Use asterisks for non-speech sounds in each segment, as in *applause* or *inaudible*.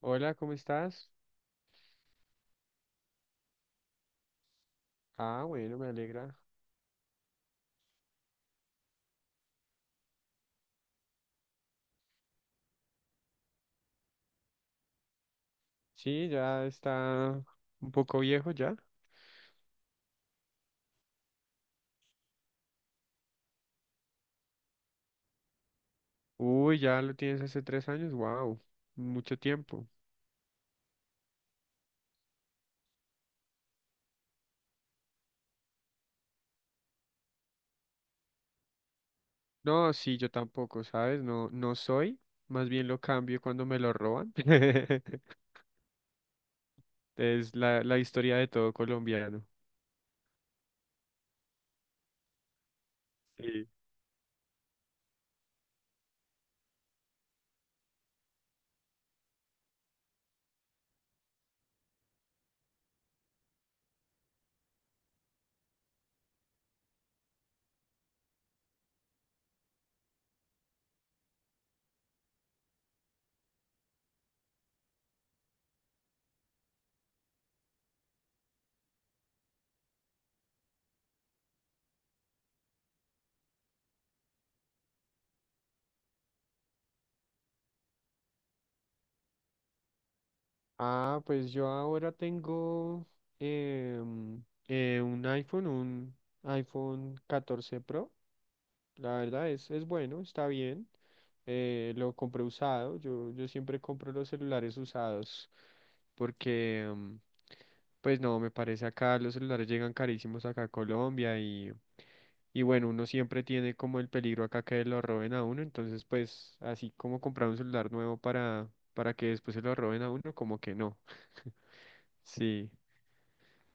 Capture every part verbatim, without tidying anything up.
Hola, ¿cómo estás? Ah, bueno, me alegra. Sí, ya está un poco viejo ya. Uy, ya lo tienes hace tres años, wow, mucho tiempo. No, sí, yo tampoco, ¿sabes? No, no soy, más bien lo cambio cuando me lo roban. *laughs* Es la, la historia de todo colombiano. Sí. Ah, pues yo ahora tengo em, eh, un iPhone, un iPhone catorce Pro. La verdad es, es bueno, está bien. Eh, lo compré usado. Yo, yo siempre compro los celulares usados porque, mm, pues no, me parece acá los celulares llegan carísimos acá a Colombia y, y bueno, uno siempre tiene como el peligro acá que lo roben a uno. Entonces, pues así como comprar un celular nuevo para, para que después se lo roben a uno, como que no. *laughs* Sí,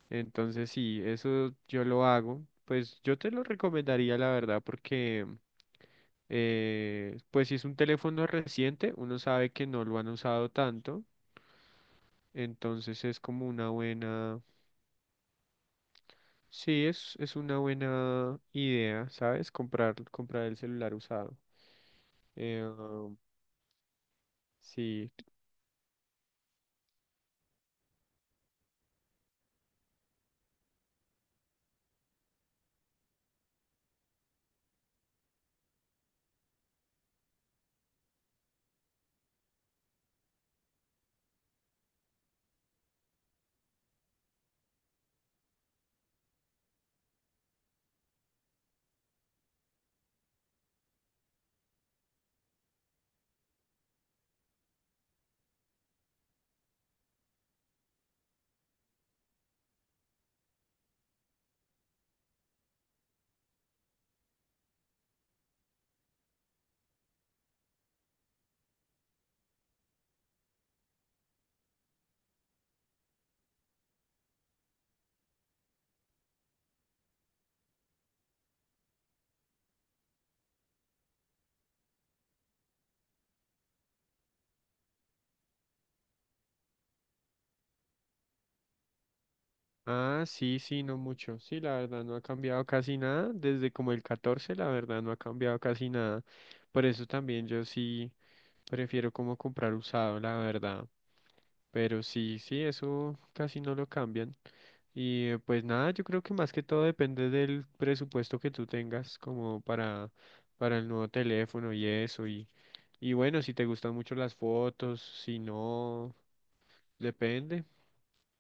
entonces sí, eso yo lo hago. Pues yo te lo recomendaría, la verdad, porque... Eh, pues si es un teléfono reciente, uno sabe que no lo han usado tanto, entonces es como una buena, sí, es, es una buena idea, ¿sabes? Comprar, comprar el celular usado. Eh, um, sí. Ah, sí, sí, no mucho. Sí, la verdad no ha cambiado casi nada. Desde como el catorce. La verdad no ha cambiado casi nada. Por eso también yo sí prefiero como comprar usado, la verdad. Pero sí, sí, eso casi no lo cambian. Y eh, pues nada, yo creo que más que todo depende del presupuesto que tú tengas como para, para el nuevo teléfono y eso. Y, y bueno, si te gustan mucho las fotos, si no, depende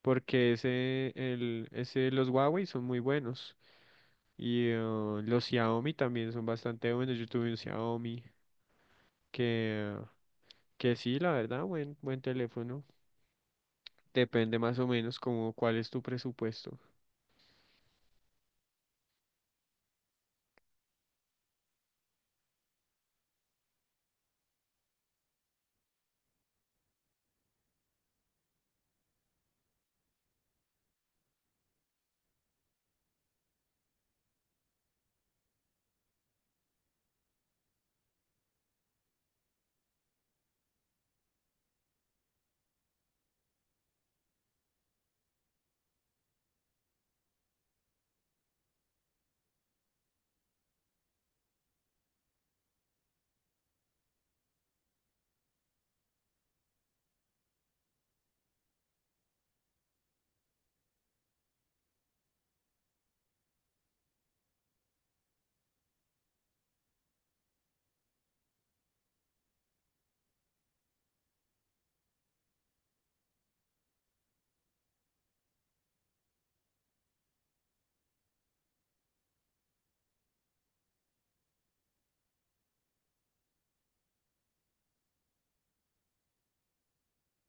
porque ese, el, ese, los Huawei son muy buenos. Y eh, los Xiaomi también son bastante buenos. Yo tuve un Xiaomi que, que sí, la verdad, buen, buen teléfono. Depende más o menos como cuál es tu presupuesto.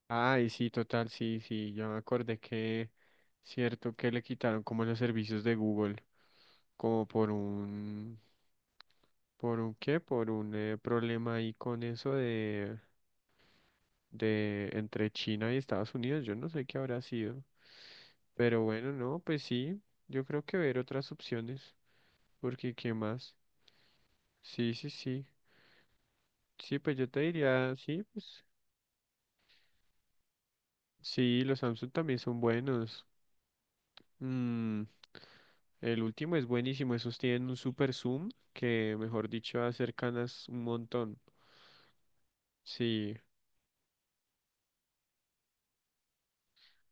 Ay, sí, total, sí, sí. Ya me acordé que, cierto, que le quitaron como los servicios de Google, como por un, ¿por un qué? Por un eh, problema ahí con eso de... de entre China y Estados Unidos. Yo no sé qué habrá sido. Pero bueno, no, pues sí, yo creo que ver otras opciones, porque ¿qué más? Sí, sí, sí. Sí, pues yo te diría, sí, pues sí, los Samsung también son buenos. Mm, el último es buenísimo, esos tienen un super zoom que, mejor dicho, acercanas un montón. Sí.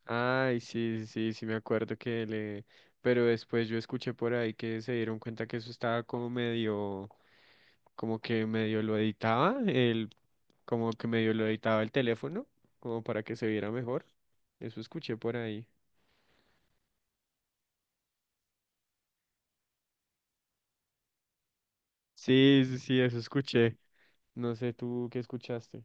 Ay, sí, sí, sí, me acuerdo que le... Pero después yo escuché por ahí que se dieron cuenta que eso estaba como medio... como que medio lo editaba, el, como que medio lo editaba el teléfono, como para que se viera mejor. Eso escuché por ahí. Sí, sí, sí, eso escuché. No sé tú qué escuchaste.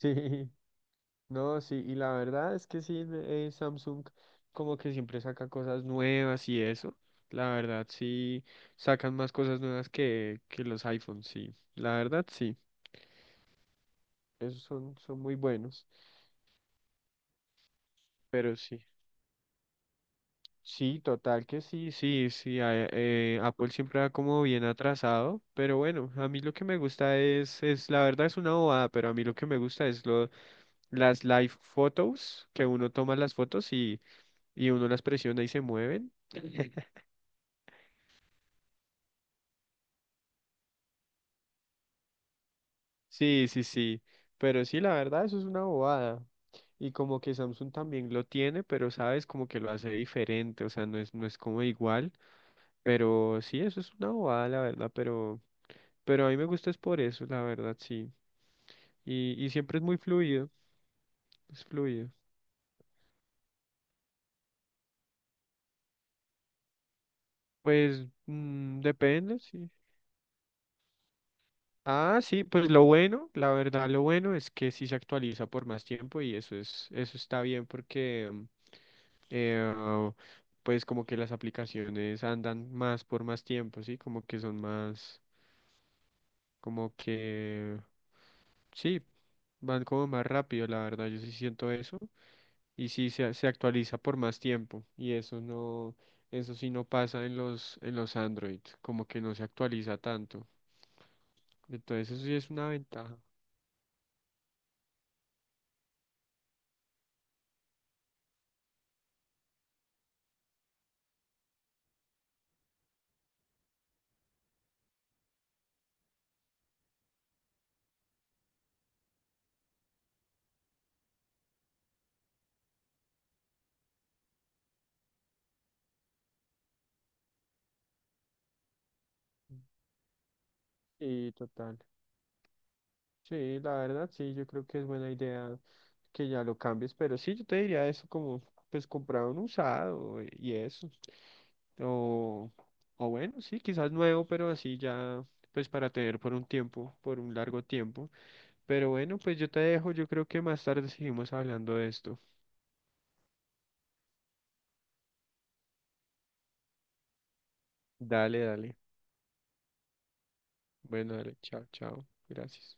Sí, *laughs* no, sí, y la verdad es que sí, eh, Samsung como que siempre saca cosas nuevas y eso. La verdad, sí, sacan más cosas nuevas que, que los iPhones, sí. La verdad, sí, esos son, son muy buenos, pero sí. Sí, total que sí, sí, sí. a- eh, Apple siempre va como bien atrasado, pero bueno, a mí lo que me gusta es, es, la verdad es una bobada, pero a mí lo que me gusta es lo, las live photos, que uno toma las fotos y, y uno las presiona y se mueven. Sí, sí, sí, pero sí, la verdad eso es una bobada. Y como que Samsung también lo tiene, pero sabes, como que lo hace diferente, o sea, no es, no es como igual, pero sí, eso es una bobada, la verdad, pero, pero a mí me gusta es por eso, la verdad, sí. Y, y siempre es muy fluido, es fluido. Pues mm, depende, sí. Ah, sí, pues lo bueno, la verdad, lo bueno es que sí se actualiza por más tiempo y eso es, eso está bien porque mm, eh, pues como que las aplicaciones andan más por más tiempo, sí, como que son más, como que sí, van como más rápido, la verdad, yo sí siento eso. Y sí se, se actualiza por más tiempo y eso no, eso sí no pasa en los, en los Android, como que no se actualiza tanto. Entonces eso sí es una ventaja. Sí, total. Sí, la verdad, sí, yo creo que es buena idea que ya lo cambies, pero sí, yo te diría eso como, pues comprar un usado y eso, o, o bueno, sí, quizás nuevo, pero así ya, pues para tener por un tiempo, por un largo tiempo, pero bueno, pues yo te dejo, yo creo que más tarde seguimos hablando de esto. Dale, dale. Bueno, dale. Chao, chao. Gracias.